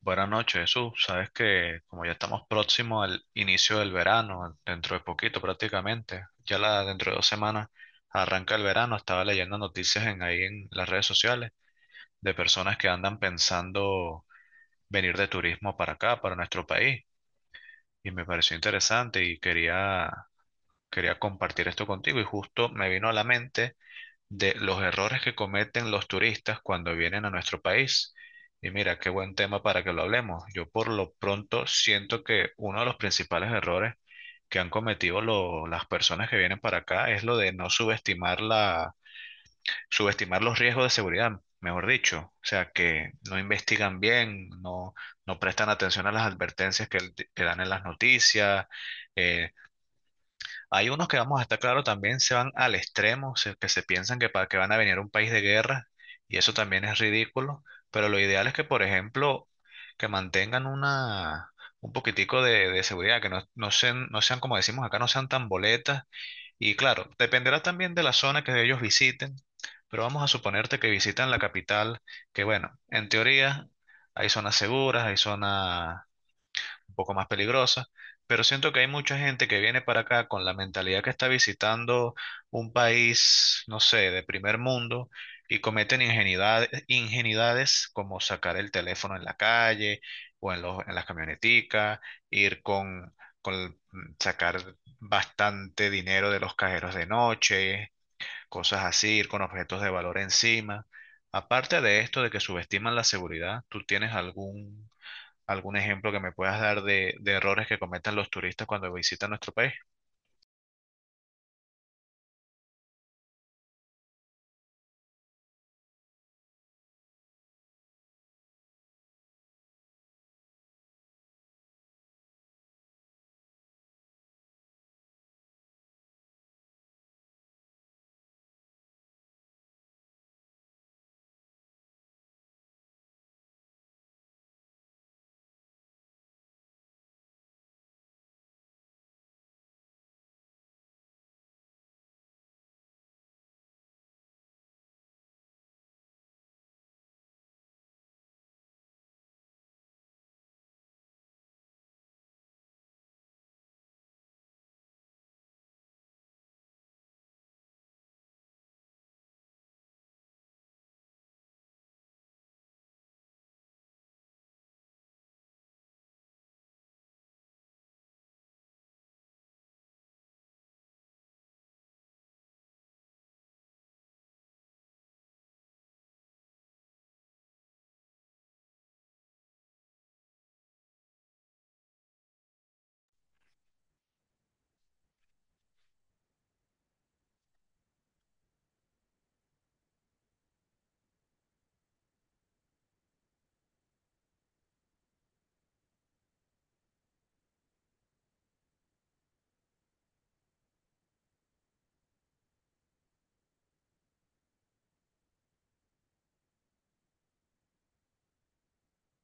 Buenas noches, Jesús. Sabes que como ya estamos próximos al inicio del verano, dentro de poquito prácticamente, dentro de 2 semanas arranca el verano, estaba leyendo noticias ahí en las redes sociales de personas que andan pensando venir de turismo para acá, para nuestro país, y me pareció interesante y quería compartir esto contigo y justo me vino a la mente de los errores que cometen los turistas cuando vienen a nuestro país. Y mira, qué buen tema para que lo hablemos. Yo por lo pronto siento que uno de los principales errores que han cometido las personas que vienen para acá es lo de no subestimar subestimar los riesgos de seguridad, mejor dicho. O sea, que no investigan bien, no, no prestan atención a las advertencias que dan en las noticias. eh, Hay unos que, vamos a estar claro, también se van al extremo, que se piensan que van a venir a un país de guerra, y eso también es ridículo, pero lo ideal es que, por ejemplo, que mantengan un poquitico de seguridad, que no, como decimos acá, no sean tan boletas. Y claro, dependerá también de la zona que ellos visiten, pero vamos a suponerte que visitan la capital, que, bueno, en teoría hay zonas seguras, hay zonas un poco más peligrosas, pero siento que hay mucha gente que viene para acá con la mentalidad que está visitando un país, no sé, de primer mundo, y cometen ingenuidades, ingenuidades como sacar el teléfono en la calle o en en las camioneticas, ir sacar bastante dinero de los cajeros de noche, cosas así, ir con objetos de valor encima. Aparte de esto de que subestiman la seguridad, ¿tú tienes algún ejemplo que me puedas dar de errores que cometan los turistas cuando visitan nuestro país?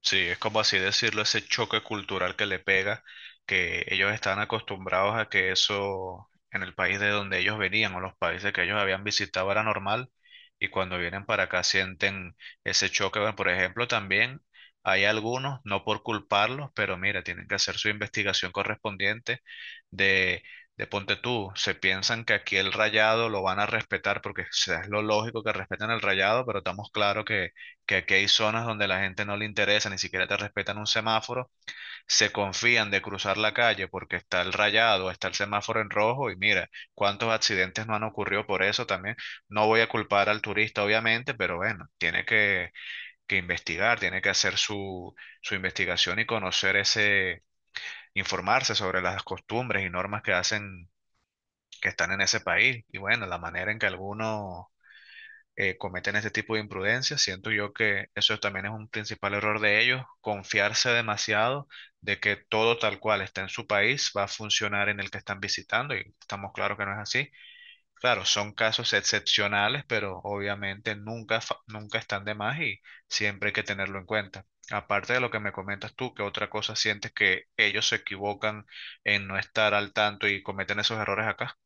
Sí, es como así decirlo, ese choque cultural que le pega, que ellos estaban acostumbrados a que eso en el país de donde ellos venían o los países que ellos habían visitado era normal, y cuando vienen para acá sienten ese choque. Bueno, por ejemplo, también hay algunos, no por culparlos, pero mira, tienen que hacer su investigación correspondiente de, de ponte tú. Se piensan que aquí el rayado lo van a respetar porque, o sea, es lo lógico que respeten el rayado, pero estamos claros que aquí hay zonas donde la gente no le interesa, ni siquiera te respetan un semáforo, se confían de cruzar la calle porque está el rayado, está el semáforo en rojo, y mira, cuántos accidentes no han ocurrido por eso también. No voy a culpar al turista, obviamente, pero bueno, tiene que investigar, tiene que hacer su investigación y conocer informarse sobre las costumbres y normas que hacen, que están en ese país. Y bueno, la manera en que algunos, cometen ese tipo de imprudencias. Siento yo que eso también es un principal error de ellos, confiarse demasiado de que todo tal cual está en su país va a funcionar en el que están visitando, y estamos claros que no es así. Claro, son casos excepcionales, pero obviamente nunca, nunca están de más, y siempre hay que tenerlo en cuenta. Aparte de lo que me comentas tú, ¿qué otra cosa sientes que ellos se equivocan en no estar al tanto y cometen esos errores acá?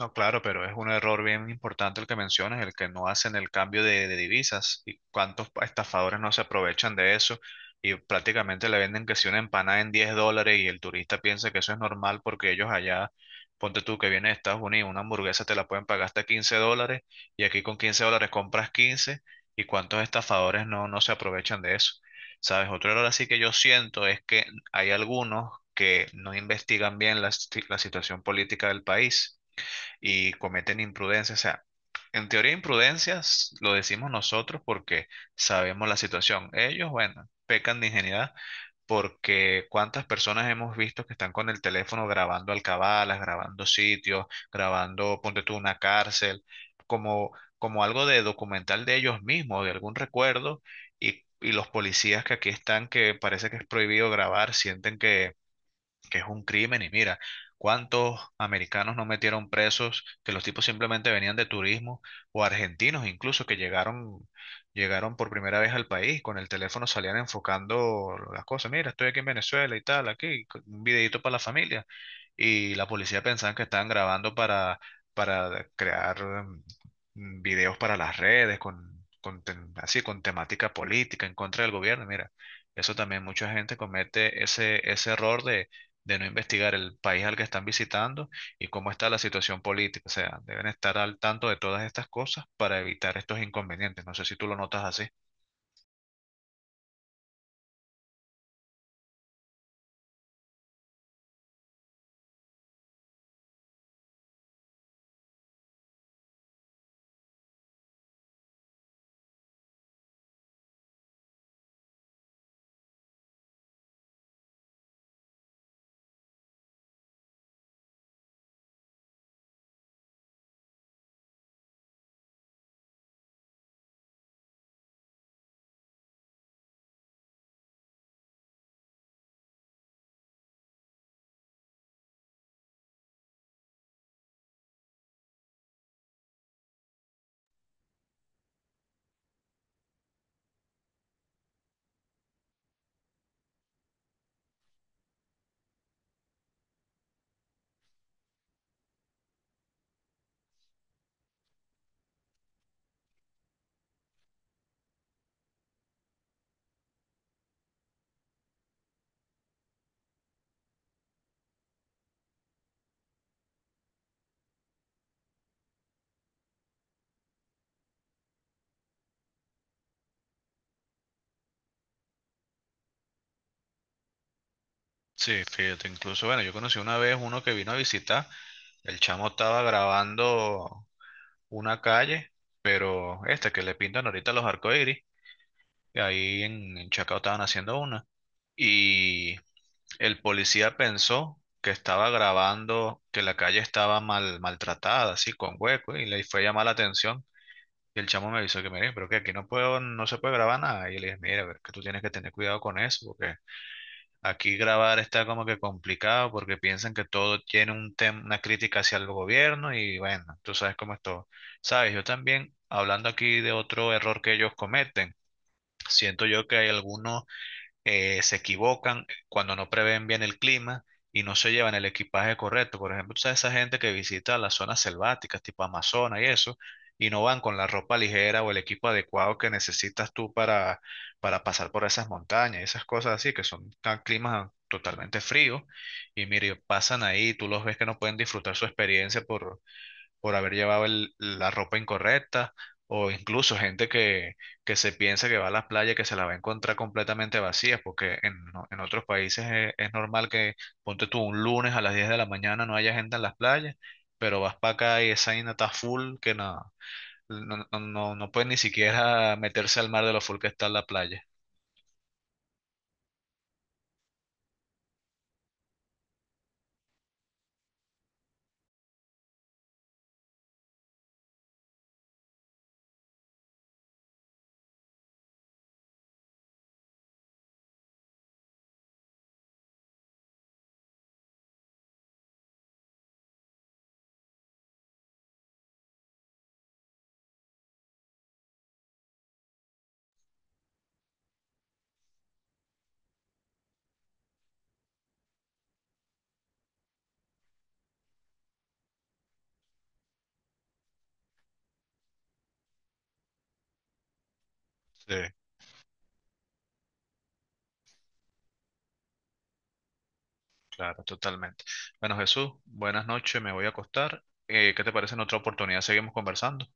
No, claro, pero es un error bien importante el que mencionas, el que no hacen el cambio de divisas. ¿Y cuántos estafadores no se aprovechan de eso? Y prácticamente le venden que si una empanada en $10, y el turista piensa que eso es normal porque ellos allá, ponte tú que vienes de Estados Unidos, una hamburguesa te la pueden pagar hasta $15, y aquí con $15 compras 15, y cuántos estafadores no se aprovechan de eso. ¿Sabes? Otro error así que yo siento es que hay algunos que no investigan bien la, si- la situación política del país, y cometen imprudencias. O sea, en teoría imprudencias lo decimos nosotros porque sabemos la situación. Ellos, bueno, pecan de ingenuidad porque cuántas personas hemos visto que están con el teléfono grabando alcabalas, grabando sitios, grabando, ponte tú, una cárcel, como, como algo de documental de ellos mismos, de algún recuerdo, y los policías que aquí están, que parece que es prohibido grabar, sienten que es un crimen, y mira, cuántos americanos no metieron presos, que los tipos simplemente venían de turismo, o argentinos incluso que llegaron, por primera vez al país, con el teléfono salían enfocando las cosas, mira, estoy aquí en Venezuela y tal, aquí, con un videito para la familia, y la policía pensaba que estaban grabando para, crear, videos para las redes, así, con temática política en contra del gobierno, mira. Eso también, mucha gente comete ese error de no investigar el país al que están visitando y cómo está la situación política. O sea, deben estar al tanto de todas estas cosas para evitar estos inconvenientes. No sé si tú lo notas así. Sí, fíjate, incluso, bueno, yo conocí una vez uno que vino a visitar, el chamo estaba grabando una calle, pero esta que le pintan ahorita los arcoíris, que ahí en Chacao estaban haciendo una, y el policía pensó que estaba grabando que la calle estaba mal, maltratada, así, con hueco, y le fue a llamar la atención. Y el chamo me avisó que, mire, pero que aquí no puedo, no se puede grabar nada. Y yo le dije, mira, pero es que tú tienes que tener cuidado con eso, porque aquí grabar está como que complicado, porque piensan que todo tiene una crítica hacia el gobierno, y bueno, tú sabes cómo es todo. Sabes, yo también, hablando aquí de otro error que ellos cometen, siento yo que hay algunos, se equivocan cuando no prevén bien el clima y no se llevan el equipaje correcto. Por ejemplo, tú sabes esa gente que visita las zonas selváticas, tipo Amazonas y eso, y no van con la ropa ligera o el equipo adecuado que necesitas tú para, pasar por esas montañas, esas cosas así, que son tan climas totalmente fríos. Y mire, pasan ahí, tú los ves que no pueden disfrutar su experiencia por haber llevado la ropa incorrecta, o incluso gente que se piensa que va a las playas que se la va a encontrar completamente vacías, porque en otros países es normal que, ponte tú, un lunes a las 10 de la mañana no haya gente en las playas, pero vas para acá y esa vaina está full que no pueden ni siquiera meterse al mar de lo full que está la playa. Sí, claro, totalmente. Bueno, Jesús, buenas noches, me voy a acostar. ¿Qué te parece en otra oportunidad? Seguimos conversando.